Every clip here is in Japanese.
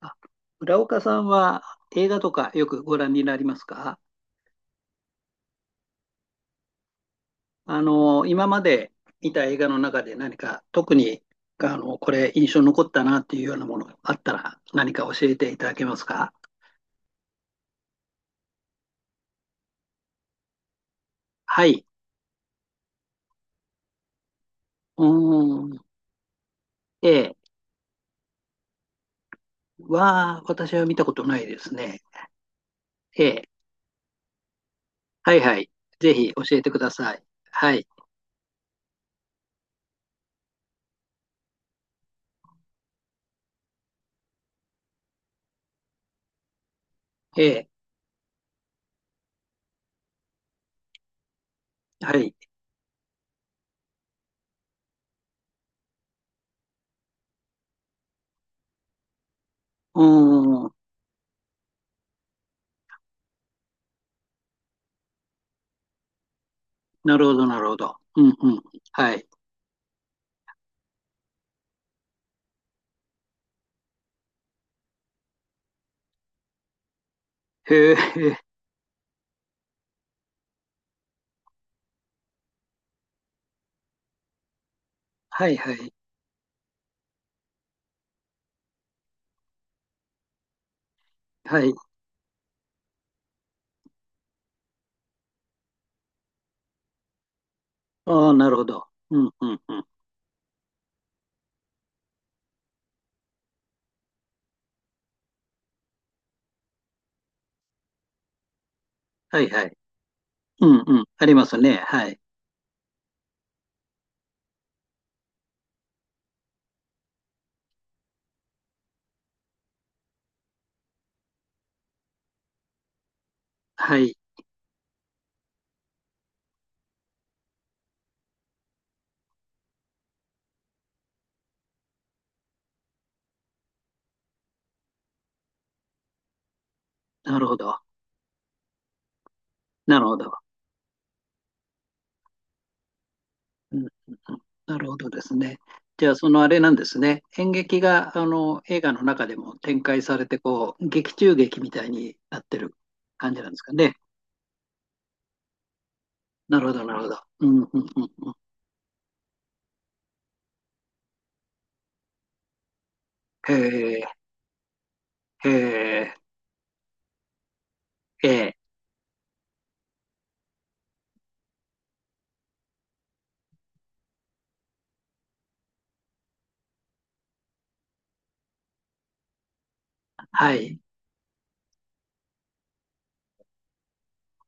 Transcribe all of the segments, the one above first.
あ浦岡さんは映画とかよくご覧になりますか？あの、今まで見た映画の中で何か特に、あの、これ印象に残ったなっていうようなものがあったら何か教えていただけますか？はい。うーん。A。 は私は見たことないですね。A。はいはい。ぜひ教えてください。はい。A。はい。うーん。なるほど、なるほど。うんうん。はい。へえ。はいはい。はい。ああ、なるほど。うん、うん、うん。はいはい。うん、うん。ありますね。はい。はい。なるほど。なるほど。うん、うん、うん。なるほどですね。じゃあ、そのあれなんですね。演劇が、あの、映画の中でも展開されて、こう、劇中劇みたいになってる感じなんですかね？なるほど、なるほど。うん、うん、うん。うん。へえ、へえ、ええ、はい。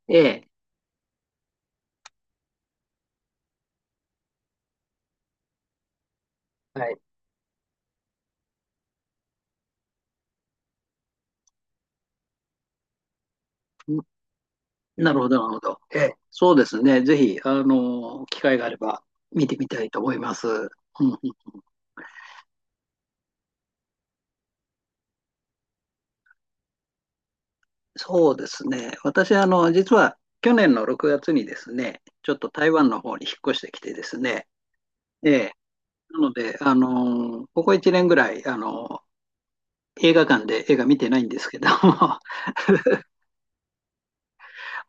ええ、はい。なるほど、なるほど。ええ、そうですね。ぜひ、あの、機会があれば見てみたいと思います。うんうん、そうですね。私、あの、実は去年の6月にですね、ちょっと台湾の方に引っ越してきてですね、ええ、なので、あの、ここ1年ぐらい、あの、映画館で映画見てないんですけども、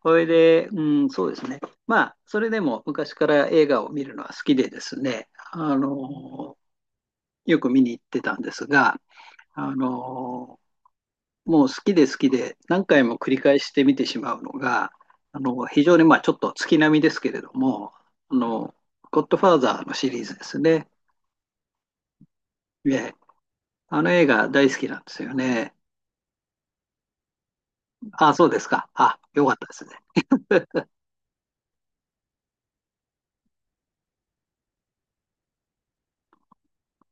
それで、うん、そうですね。まあ、それでも昔から映画を見るのは好きでですね、あの、よく見に行ってたんですが、あの、もう好きで好きで何回も繰り返して見てしまうのが、あの非常にまあちょっと月並みですけれども、あの、ゴッドファーザーのシリーズですね。で、あの映画大好きなんですよね。あ、そうですか。あ、よかったですね。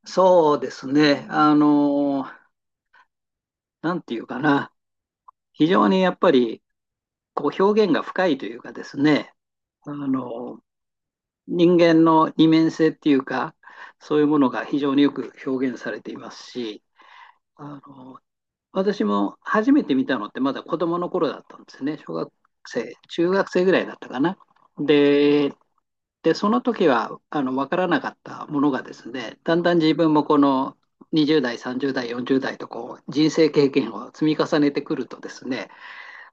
そうですね。あの、なんていうかな。非常にやっぱりこう表現が深いというかですね、あの、人間の二面性っていうか、そういうものが非常によく表現されていますし、あの私も初めて見たのってまだ子供の頃だったんですね。小学生、中学生ぐらいだったかな。で、で、その時はあの分からなかったものがですね、だんだん自分もこの20代、30代、40代とこう人生経験を積み重ねてくるとですね、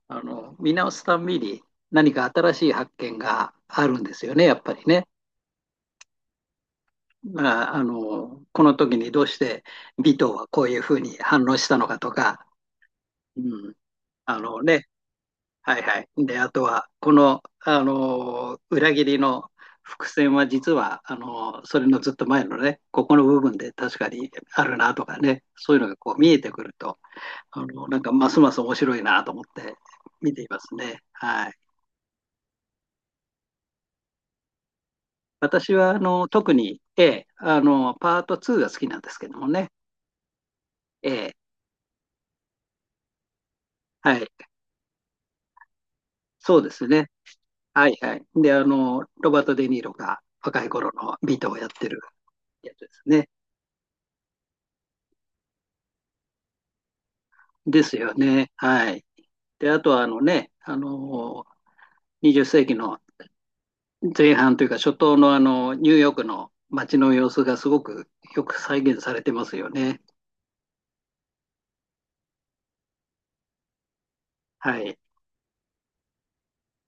あの見直すたんびに何か新しい発見があるんですよね、やっぱりね。まあ、あのこの時にどうして尾藤はこういうふうに反応したのかとか、うん、あのね、はいはい。で、あとは、この、あのー裏切りの伏線は実は、あのーそれのずっと前のね、ここの部分で確かにあるなとかね、そういうのがこう見えてくると、あのーなんかますます面白いなと思って見ていますね。はい。私は、あのー特に A、あのーパート2が好きなんですけどもね。A、はい。そうですね。はいはい。で、あのーロバート・デ・ニーロが若い頃のビートをやってるやつですね。ですよね。はい。で、あとはあのね、あのー、20世紀の前半というか初頭のあの、ニューヨークの街の様子がすごくよく再現されてますよね。はい。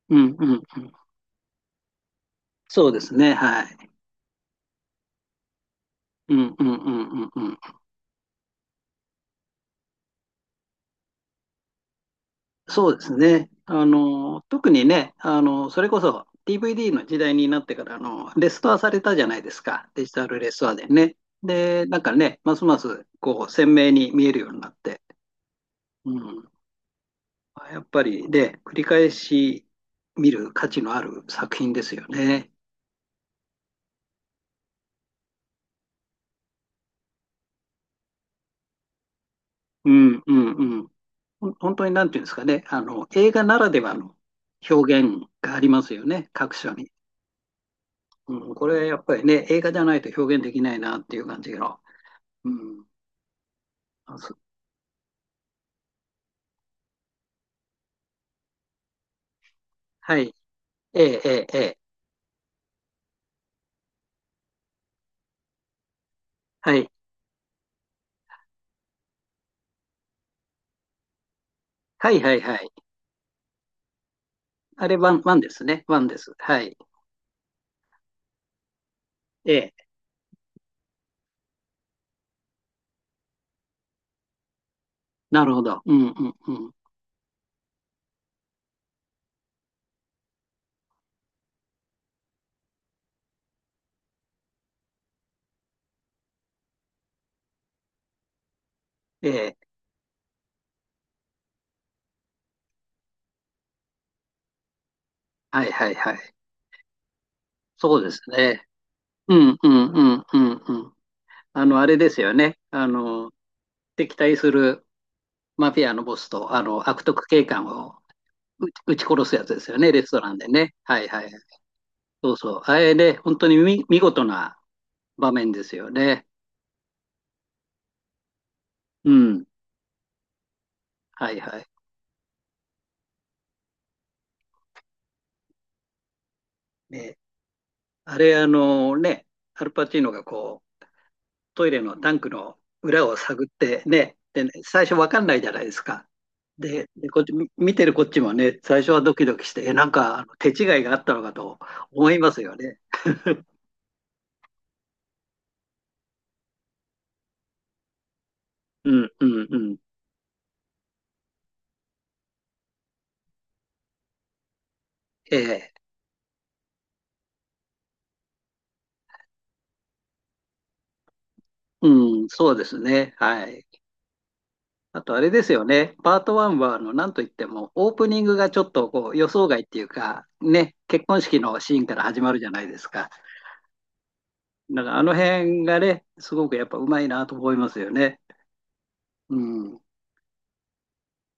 うんうんうん。そうですね。はい。うんうんうんうんうん。そうですね。あの、特にね、あの、それこそ DVD の時代になってから、あの、レストアされたじゃないですか。デジタルレストアでね。で、なんかね、ますますこう鮮明に見えるようになって。うん、やっぱりね、繰り返し見る価値のある作品ですよね。うん、うん、うん。本当になんていうんですかね、あの、映画ならではの表現がありますよね、各所に。うん、これはやっぱりね、映画じゃないと表現できないなっていう感じの。うん。あそはい。ええ、ええ、ええ。はい。はい、はい、はい。あれ、ワン、ワンですね。ワンです。はい。ええ。なるほど。うん、うん、うん。ええ。はい、はい、はい。そうですね。うん、うん、うん、うん、うん。あの、あれですよね。あの、敵対するマフィアのボスと、あの、悪徳警官を撃ち殺すやつですよね、レストランでね。はいはい。そうそう。あれで、本当に見事な場面ですよね。うん。はいはい。ね、あれ、あのね、アルパチーノがこう、トイレのタンクの裏を探ってね、でね、最初わかんないじゃないですか。で、こっち、見てるこっちもね、最初はドキドキして、え、なんかあの手違いがあったのかと思いますよね。うん、うん、うん。ええ。うん、そうですね。はい。あとあれですよね。パート1は、あの、なんといっても、オープニングがちょっとこう予想外っていうか、ね、結婚式のシーンから始まるじゃないですか。だからあの辺がね、すごくやっぱうまいなと思いますよね。うん。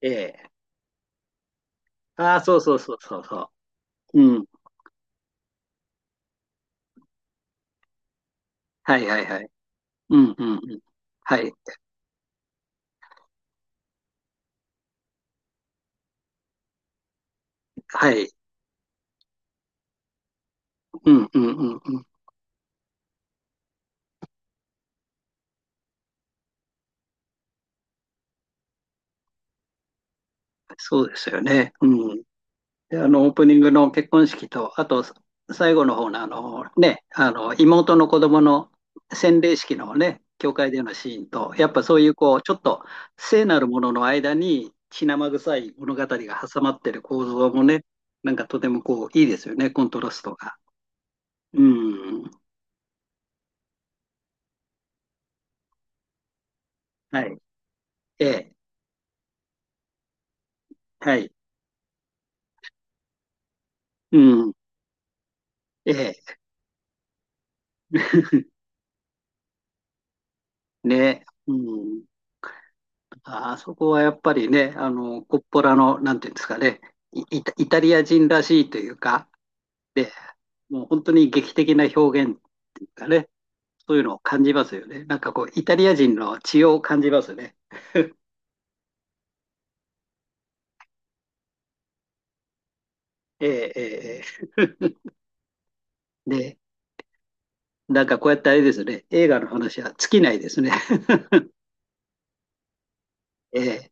ええ。ああ、そうそうそうそうそう。うん。はいはいはい。うんうんうん。はい。はい。うんうんうんうん。そうですよね。うん。で、あの、オープニングの結婚式と、あと、最後の方の、あの、ね、あの、妹の子供の洗礼式のね、教会でのシーンと、やっぱそういう、こう、ちょっと聖なるものの間に、血生臭い物語が挟まってる構造もね、なんかとてもこう、いいですよね、コントラストが。うん。はい。ええ。はい。うん。ええ。ね。うん。あそこはやっぱりね、あの、コッポラの、なんていうんですかね、イタリア人らしいというか、で、もう本当に劇的な表現がね、そういうのを感じますよね。なんかこう、イタリア人の血を感じますね。えーえーえー で、なんかこうやってあれですね、映画の話は尽きないですね。えー